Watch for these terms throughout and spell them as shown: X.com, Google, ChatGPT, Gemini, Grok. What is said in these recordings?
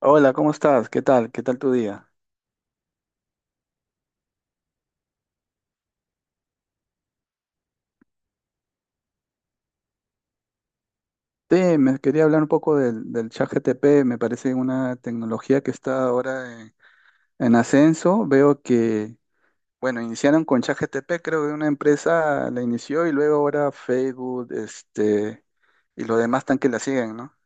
Hola, ¿cómo estás? ¿Qué tal? ¿Qué tal tu día? Sí, me quería hablar un poco del ChatGPT. Me parece una tecnología que está ahora en ascenso. Veo que, bueno, iniciaron con ChatGPT. Creo que una empresa la inició y luego ahora Facebook, y los demás tan que la siguen, ¿no?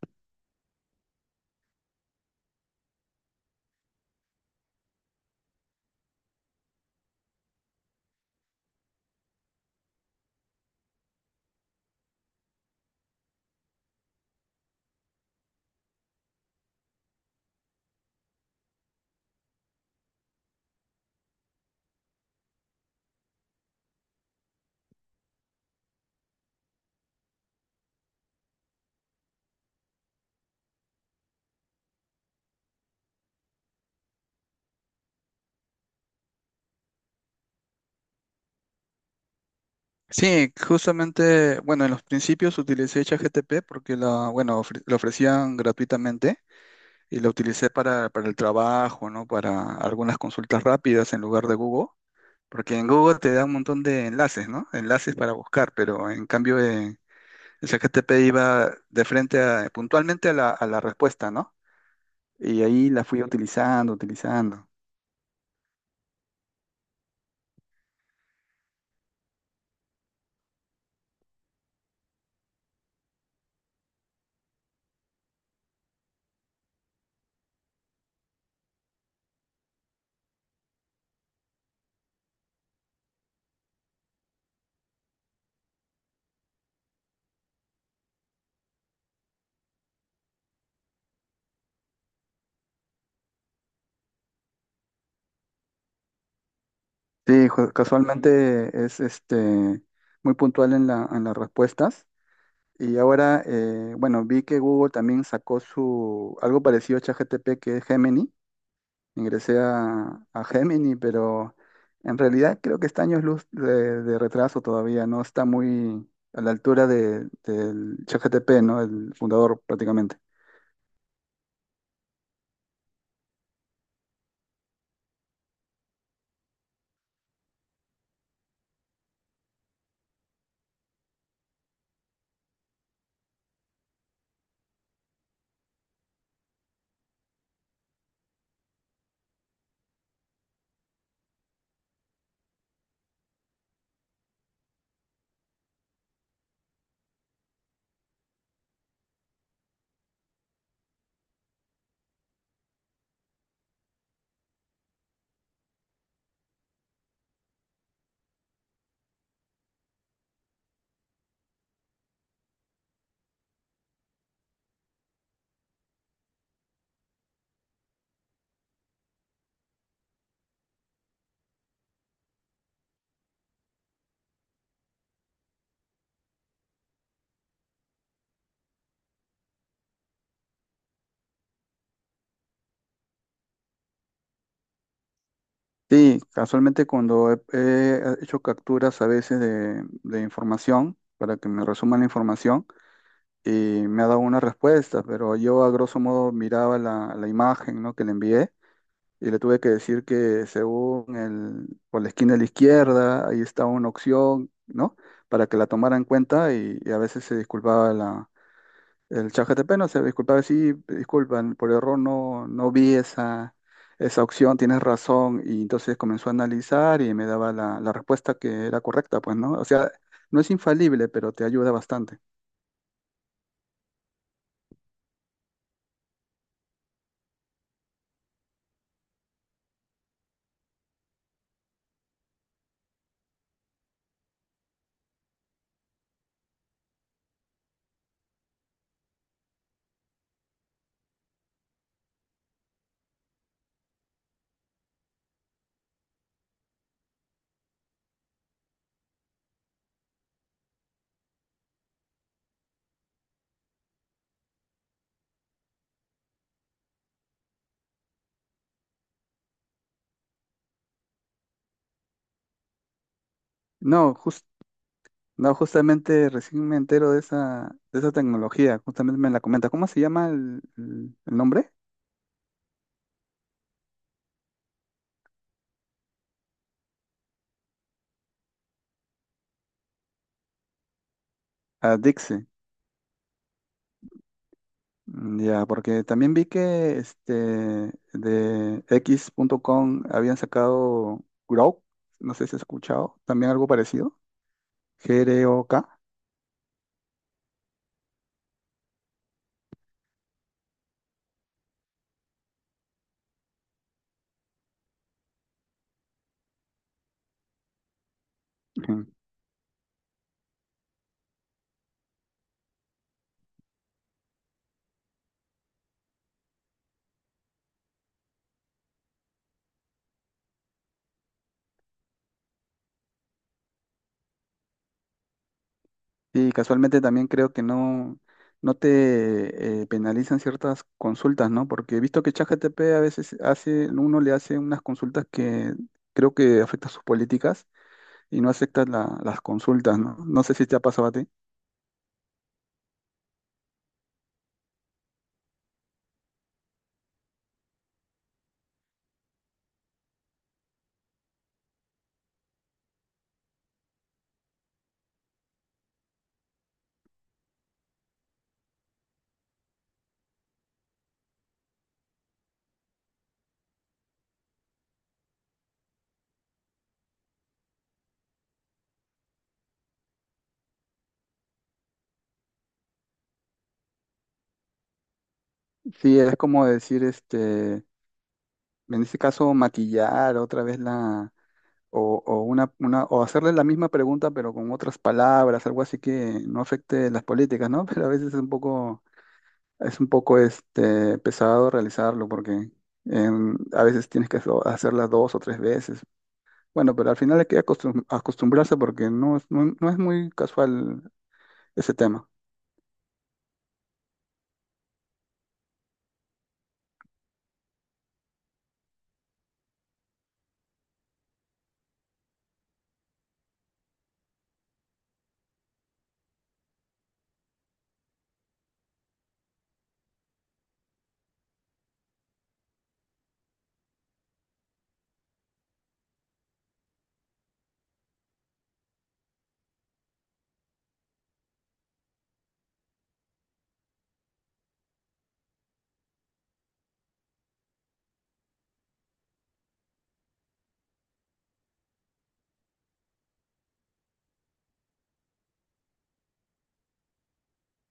Sí, justamente, bueno, en los principios utilicé ChatGPT porque bueno, lo ofrecían gratuitamente, y lo utilicé para el trabajo, ¿no? Para algunas consultas rápidas en lugar de Google. Porque en Google te da un montón de enlaces, ¿no? Enlaces para buscar, pero en cambio en el ChatGPT iba de frente puntualmente a la respuesta, ¿no? Y ahí la fui utilizando, utilizando. Sí, casualmente es muy puntual en las respuestas. Y ahora, bueno, vi que Google también sacó su algo parecido a ChatGPT, que es Gemini. Ingresé a Gemini, pero en realidad creo que está años luz de retraso todavía. No está muy a la altura del ChatGPT, ¿no? El fundador prácticamente. Sí, casualmente cuando he hecho capturas a veces de información para que me resuman la información, y me ha dado una respuesta, pero yo a grosso modo miraba la imagen, ¿no?, que le envié, y le tuve que decir que según por la esquina de la izquierda, ahí está una opción, ¿no? Para que la tomara en cuenta. Y a veces se disculpaba el chat GTP. No se disculpaba, sí, disculpan, por error, no vi esa opción, tienes razón, y entonces comenzó a analizar y me daba la respuesta que era correcta, pues, ¿no? O sea, no es infalible, pero te ayuda bastante. No, justamente recién me entero de esa tecnología. Justamente me la comenta. ¿Cómo se llama el nombre? A Dixie. Mm. Ya, porque también vi que de X.com habían sacado Grok, no sé si has escuchado, también algo parecido, Grok. Ujú. Y casualmente también creo que no te penalizan ciertas consultas, ¿no? Porque he visto que ChatGPT a veces uno le hace unas consultas que creo que afectan sus políticas, y no aceptan las consultas, ¿no? No sé si te ha pasado a ti. Sí, es como decir, en este caso, maquillar otra vez la, o una, o hacerle la misma pregunta, pero con otras palabras, algo así que no afecte las políticas, ¿no? Pero a veces es un poco pesado realizarlo porque a veces tienes que hacerla dos o tres veces. Bueno, pero al final hay que acostumbrarse porque no es muy casual ese tema.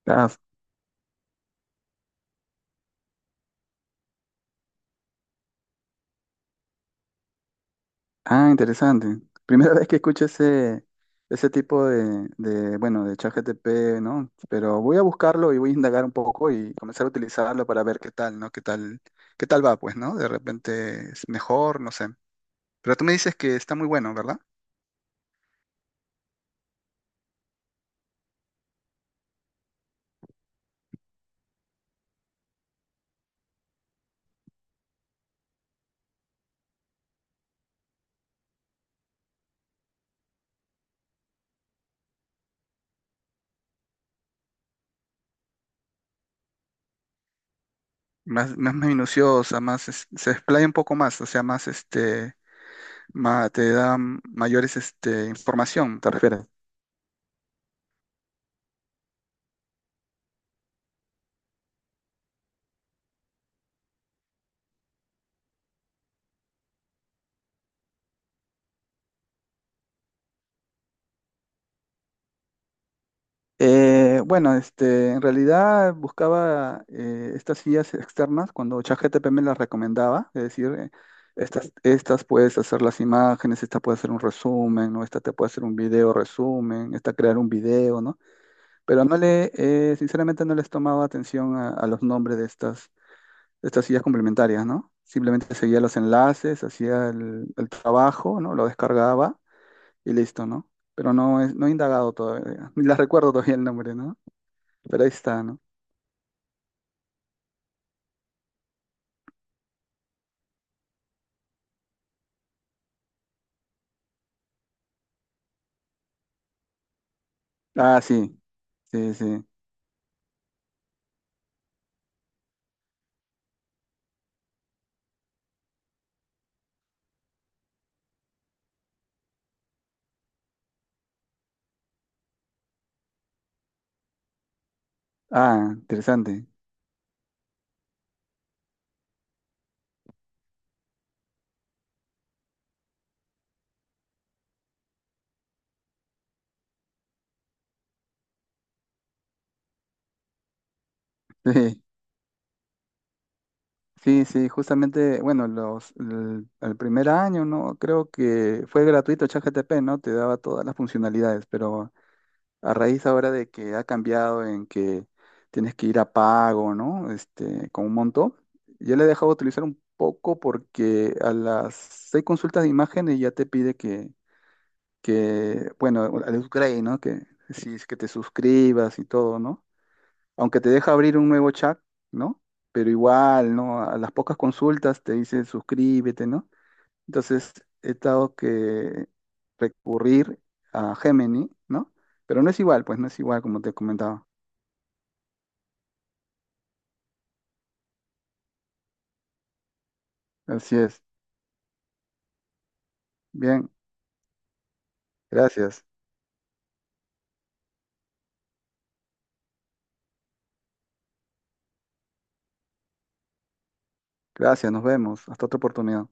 Claro. Ah, interesante. Primera vez que escucho ese tipo bueno, de ChatGPT, ¿no? Pero voy a buscarlo y voy a indagar un poco y comenzar a utilizarlo para ver qué tal, ¿no? ¿Qué tal va, pues, no? De repente es mejor, no sé. Pero tú me dices que está muy bueno, ¿verdad? Más minuciosa, más, se explaya un poco más, o sea, más, te da mayores, información, ¿te refieres? Bueno, en realidad buscaba estas guías externas cuando ChatGPT me las recomendaba, es decir, estas puedes hacer las imágenes, esta puede hacer un resumen, ¿no? Esta te puede hacer un video resumen, esta crear un video, ¿no? Pero sinceramente no les tomaba atención a los nombres de estas guías complementarias, ¿no? Simplemente seguía los enlaces, hacía el trabajo, ¿no? Lo descargaba y listo, ¿no? Pero no, no he indagado todavía. Ni las recuerdo todavía el nombre, ¿no? Pero ahí está, ¿no? Ah, sí, sí, sí. Ah, interesante. Sí, sí, sí, justamente, bueno, el primer año, ¿no? Creo que fue gratuito ChatGPT, ¿no? Te daba todas las funcionalidades, pero a raíz ahora de que ha cambiado en que tienes que ir a pago, ¿no? Con un monto, yo le he dejado de utilizar un poco porque a las seis consultas de imágenes ya te pide que bueno, al upgrade, ¿no? Que si es que te suscribas y todo, ¿no? Aunque te deja abrir un nuevo chat, ¿no? Pero igual, ¿no? A las pocas consultas te dice suscríbete, ¿no? Entonces he estado que recurrir a Gemini, ¿no? Pero no es igual, pues no es igual, como te comentaba. Así es. Bien, gracias. Gracias, nos vemos. Hasta otra oportunidad.